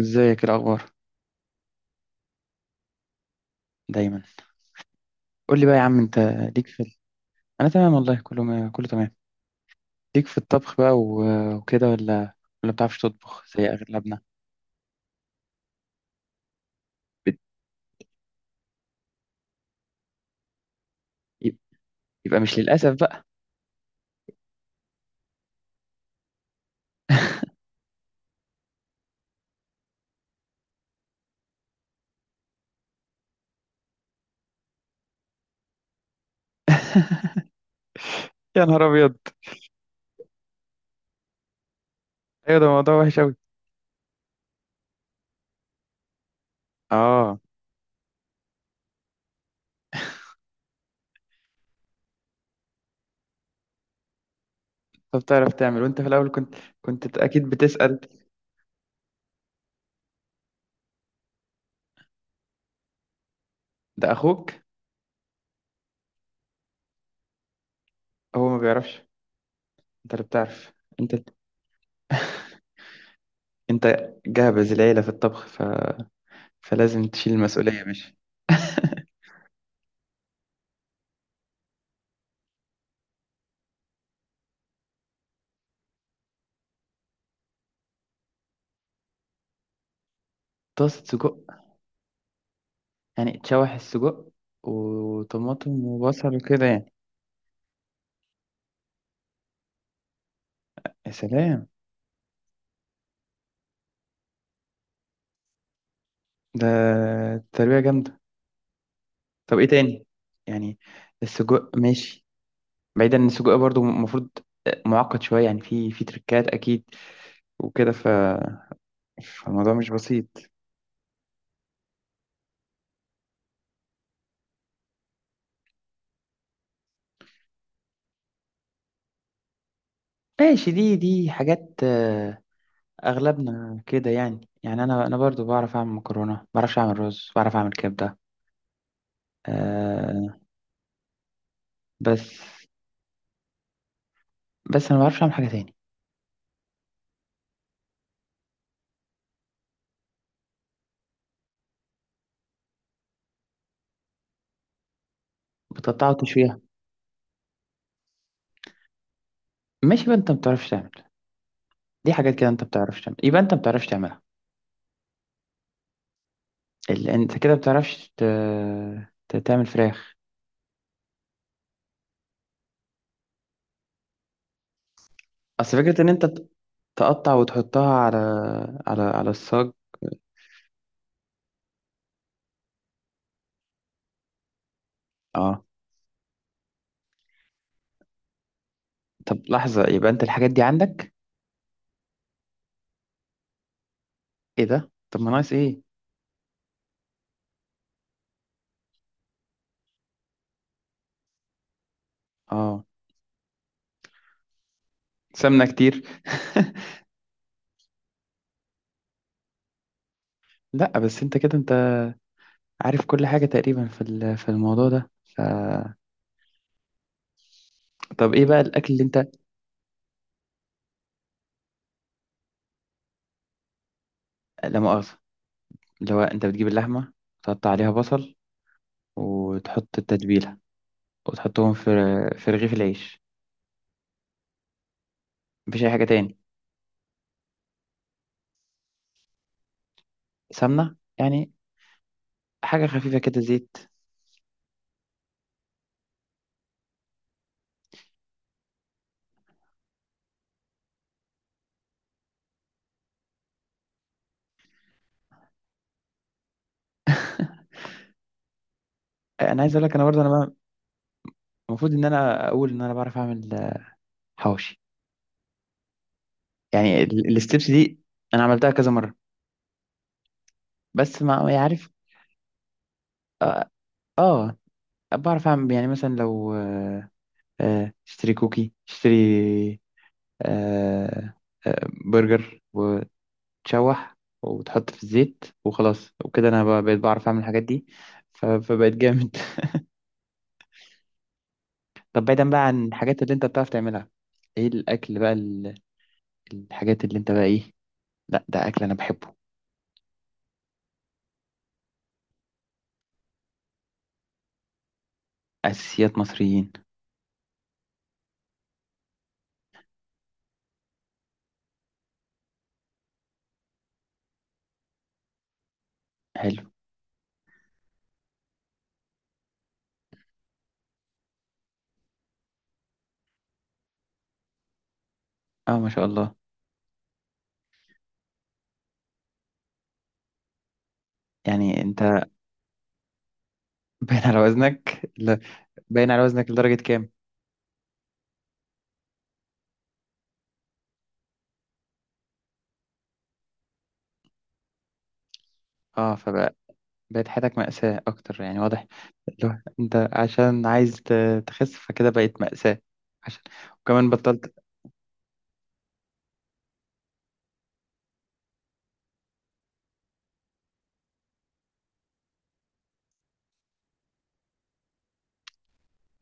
ازيك، إيه الاخبار؟ دايما. قول لي بقى يا عم، انت ليك في ال... انا تمام والله، كله ما... كله تمام. ليك في الطبخ بقى وكده، ولا ولا بتعرفش تطبخ زي اغلبنا؟ بت... يبقى مش للاسف بقى. يا نهار ابيض. ايوه ده موضوع وحش قوي. اه. طب تعرف تعمل، وانت في الاول كنت اكيد بتسأل؟ ده اخوك، هو ما بيعرفش، انت اللي بتعرف. انت انت جابز العيله في الطبخ، فلازم تشيل المسؤوليه، مش؟ طاسه سجق؟ يعني تشوح السجق وطماطم وبصل وكده يعني. يا سلام. ده تربية جامدة. طب ايه تاني يعني؟ السجق ماشي، بعيدا ان السجق برضو المفروض معقد شوية، يعني في تريكات اكيد وكده ف فالموضوع مش بسيط. ماشي، دي حاجات، اغلبنا كده يعني انا برضو بعرف اعمل مكرونة، بعرفش اعمل رز، بعرف اعمل كبدة. أه. بس بس انا ما بعرفش اعمل حاجة تاني. بتقطعها وتشويها. ماشي، يبقى انت ما بتعرفش تعمل. دي حاجات كده انت ما بتعرفش تعمل، يبقى انت ما بتعرفش تعملها. انت كده بتعرفش تعمل فراخ. اصل فكرة ان انت تقطع وتحطها على على الصاج. اه. طب لحظة، يبقى انت الحاجات دي عندك. ايه ده، طب ما ناقص ايه؟ اه سمنة كتير. لا بس انت كده انت عارف كل حاجة تقريبا في في الموضوع ده طب ايه بقى الاكل اللي انت؟ لا مؤاخذة، اللي هو انت بتجيب اللحمة، تقطع عليها بصل، وتحط التتبيلة، وتحطهم في رغيف العيش. مفيش اي حاجة تاني؟ سمنة يعني، حاجة خفيفة كده، زيت. انا عايز اقول لك، انا برضه المفروض ان انا اقول ان انا بعرف اعمل حواوشي، يعني الستبس دي. انا عملتها كذا مرة بس ما يعرف. اه. آه، بعرف اعمل يعني، مثلا لو اشتري كوكي، اشتري آه، برجر، وتشوح وتحط في الزيت وخلاص، وكده بقيت بعرف اعمل الحاجات دي، فبقيت جامد. طب بعيدا بقى عن الحاجات اللي انت بتعرف تعملها، ايه الاكل بقى، الحاجات اللي انت بقى ايه؟ لا ده اكل انا بحبه، اساسيات مصريين. حلو. اه ما شاء الله. يعني انت باين على وزنك، لا؟ باين على وزنك لدرجة كام؟ اه، فبقى بقت حياتك مأساة اكتر يعني، واضح. لو انت عشان عايز تخس، فكده بقت مأساة، عشان وكمان بطلت.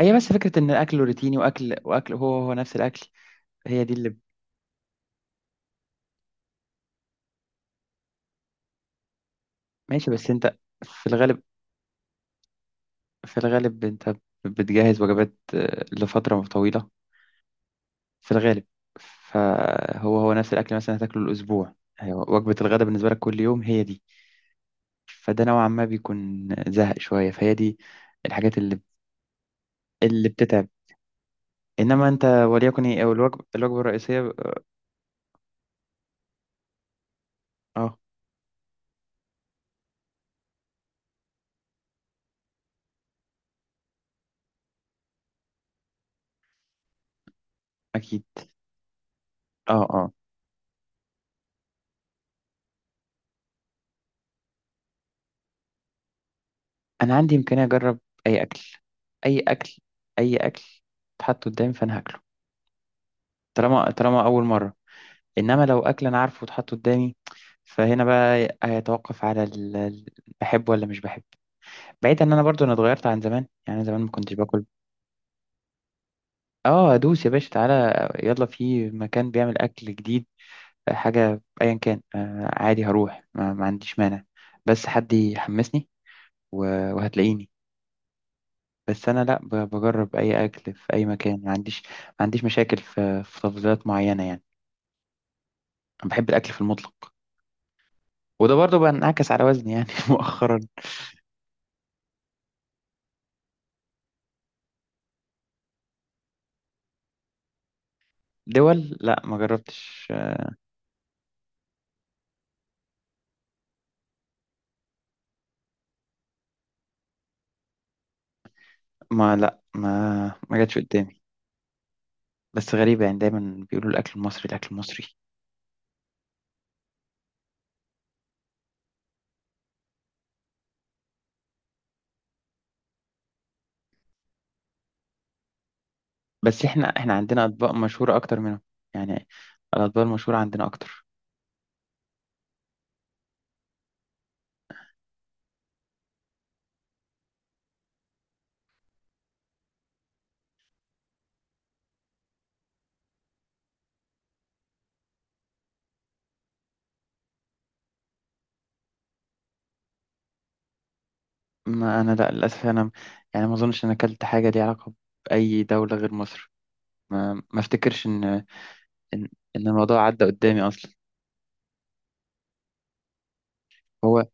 هي بس فكرة ان الاكل روتيني، واكل هو هو نفس الاكل، هي دي اللي ماشي. بس انت في الغالب، في الغالب انت بتجهز وجبات، لفترة طويلة، في الغالب. فهو هو نفس الأكل، مثلا هتاكله الأسبوع، هي وجبة الغداء بالنسبة لك كل يوم هي دي. فده نوعا ما بيكون زهق شوية، فهي دي الحاجات اللي اللي بتتعب. إنما أنت وليكن إيه، أو الوجبة الرئيسية؟ أه. أكيد. أه أه. أنا عندي إمكانية أجرب أي أكل، أي أكل، أي أكل اتحط قدامي فأنا هاكله، طالما أول مرة. إنما لو أكل أنا عارفه اتحط قدامي، فهنا بقى هيتوقف على بحبه ولا مش بحبه. بعيد ان انا برضو اتغيرت عن زمان، يعني زمان ما كنتش باكل. اه، ادوس يا باشا، تعالى يلا، في مكان بيعمل اكل جديد، حاجه ايا كان، عادي، هروح، ما عنديش مانع، بس حد يحمسني وهتلاقيني. بس انا لا، بجرب اي اكل في اي مكان، ما عنديش، ما عنديش مشاكل في تفضيلات معينه يعني. انا بحب الاكل في المطلق، وده برضو بنعكس على وزني يعني مؤخرا. دول لا ما جربتش. ما لا ما جاتش قدامي. بس غريبة يعني، دايما بيقولوا الأكل المصري، الأكل المصري. بس احنا عندنا اطباق مشهوره اكتر منهم، يعني الاطباق المشهوره عندنا اكتر. ما انا لا، للاسف انا يعني ما اظنش ان أنا اكلت حاجه ليها علاقه باي دوله غير مصر، ما افتكرش ان ان ان الموضوع عدى قدامي اصلا. هو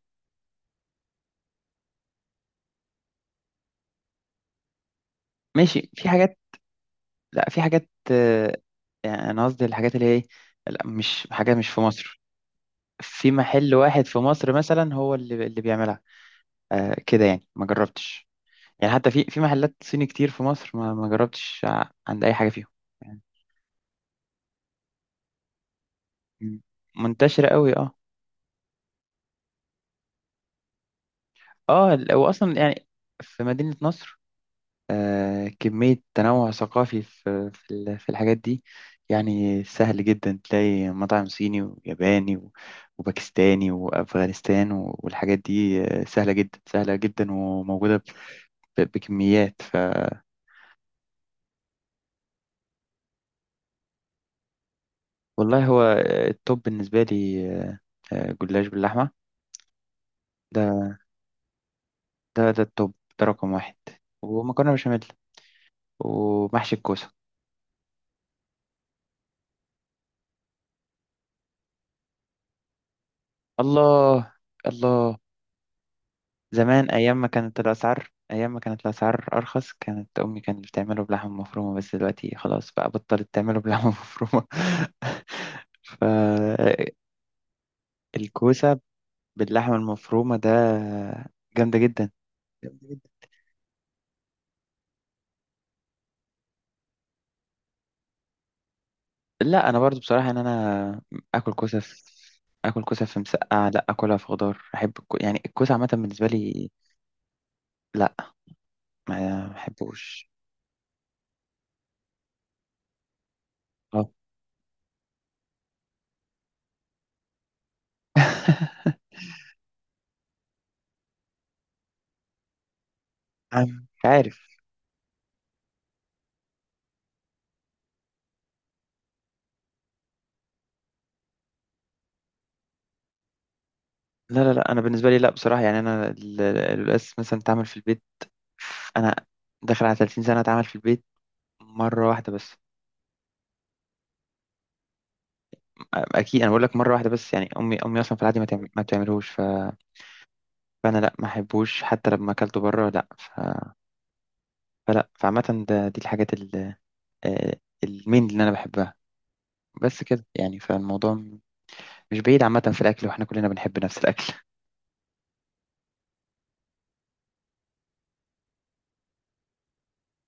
ماشي، في حاجات، لا في حاجات، يعني انا قصدي الحاجات اللي هي لا مش حاجه مش في مصر، في محل واحد في مصر مثلا هو اللي بيعملها، كده يعني، ما جربتش. يعني حتى في محلات صيني كتير في مصر ما جربتش عند اي حاجه فيهم. مم. منتشرة قوي اه. اه واصلا يعني في مدينة نصر، كمية تنوع ثقافي في في الحاجات دي، يعني سهل جدا تلاقي مطعم صيني وياباني وباكستاني وأفغانستان والحاجات دي، سهلة جدا سهلة جدا وموجودة بكميات. ف والله هو التوب بالنسبة لي، جلاش باللحمة. ده ده ده التوب، ده رقم واحد، ومكرونة بشاميل، ومحشي الكوسة. الله، الله. زمان، ايام ما كانت الاسعار ارخص، كانت امي كانت بتعمله بلحمه مفرومه، بس دلوقتي خلاص بقى بطلت تعمله بلحمه مفرومه. فالكوسه باللحمه المفرومه ده جامده جدا. لا انا برضو بصراحه ان انا اكل كوسه في اكل كوسه في مسقعه، لا اكلها في خضار، احب يعني الكوسه عامه بالنسبه لي، لا ما بحبوش. اه. أنا مش عارف. لا لا لا، انا بالنسبه لي لا، بصراحه يعني انا القلقاس مثلا تعمل في البيت، انا داخل على 30 سنه اتعمل في البيت مره واحده بس. اكيد انا بقول لك مره واحده بس، يعني امي اصلا في العادي ما بتعملوش، فانا لا ما احبوش حتى لما اكلته بره، لا. فلا، فعامه، ده دي الحاجات آه، المين اللي انا بحبها، بس كده يعني فالموضوع مش بعيد عامه في الاكل، واحنا كلنا بنحب نفس الاكل.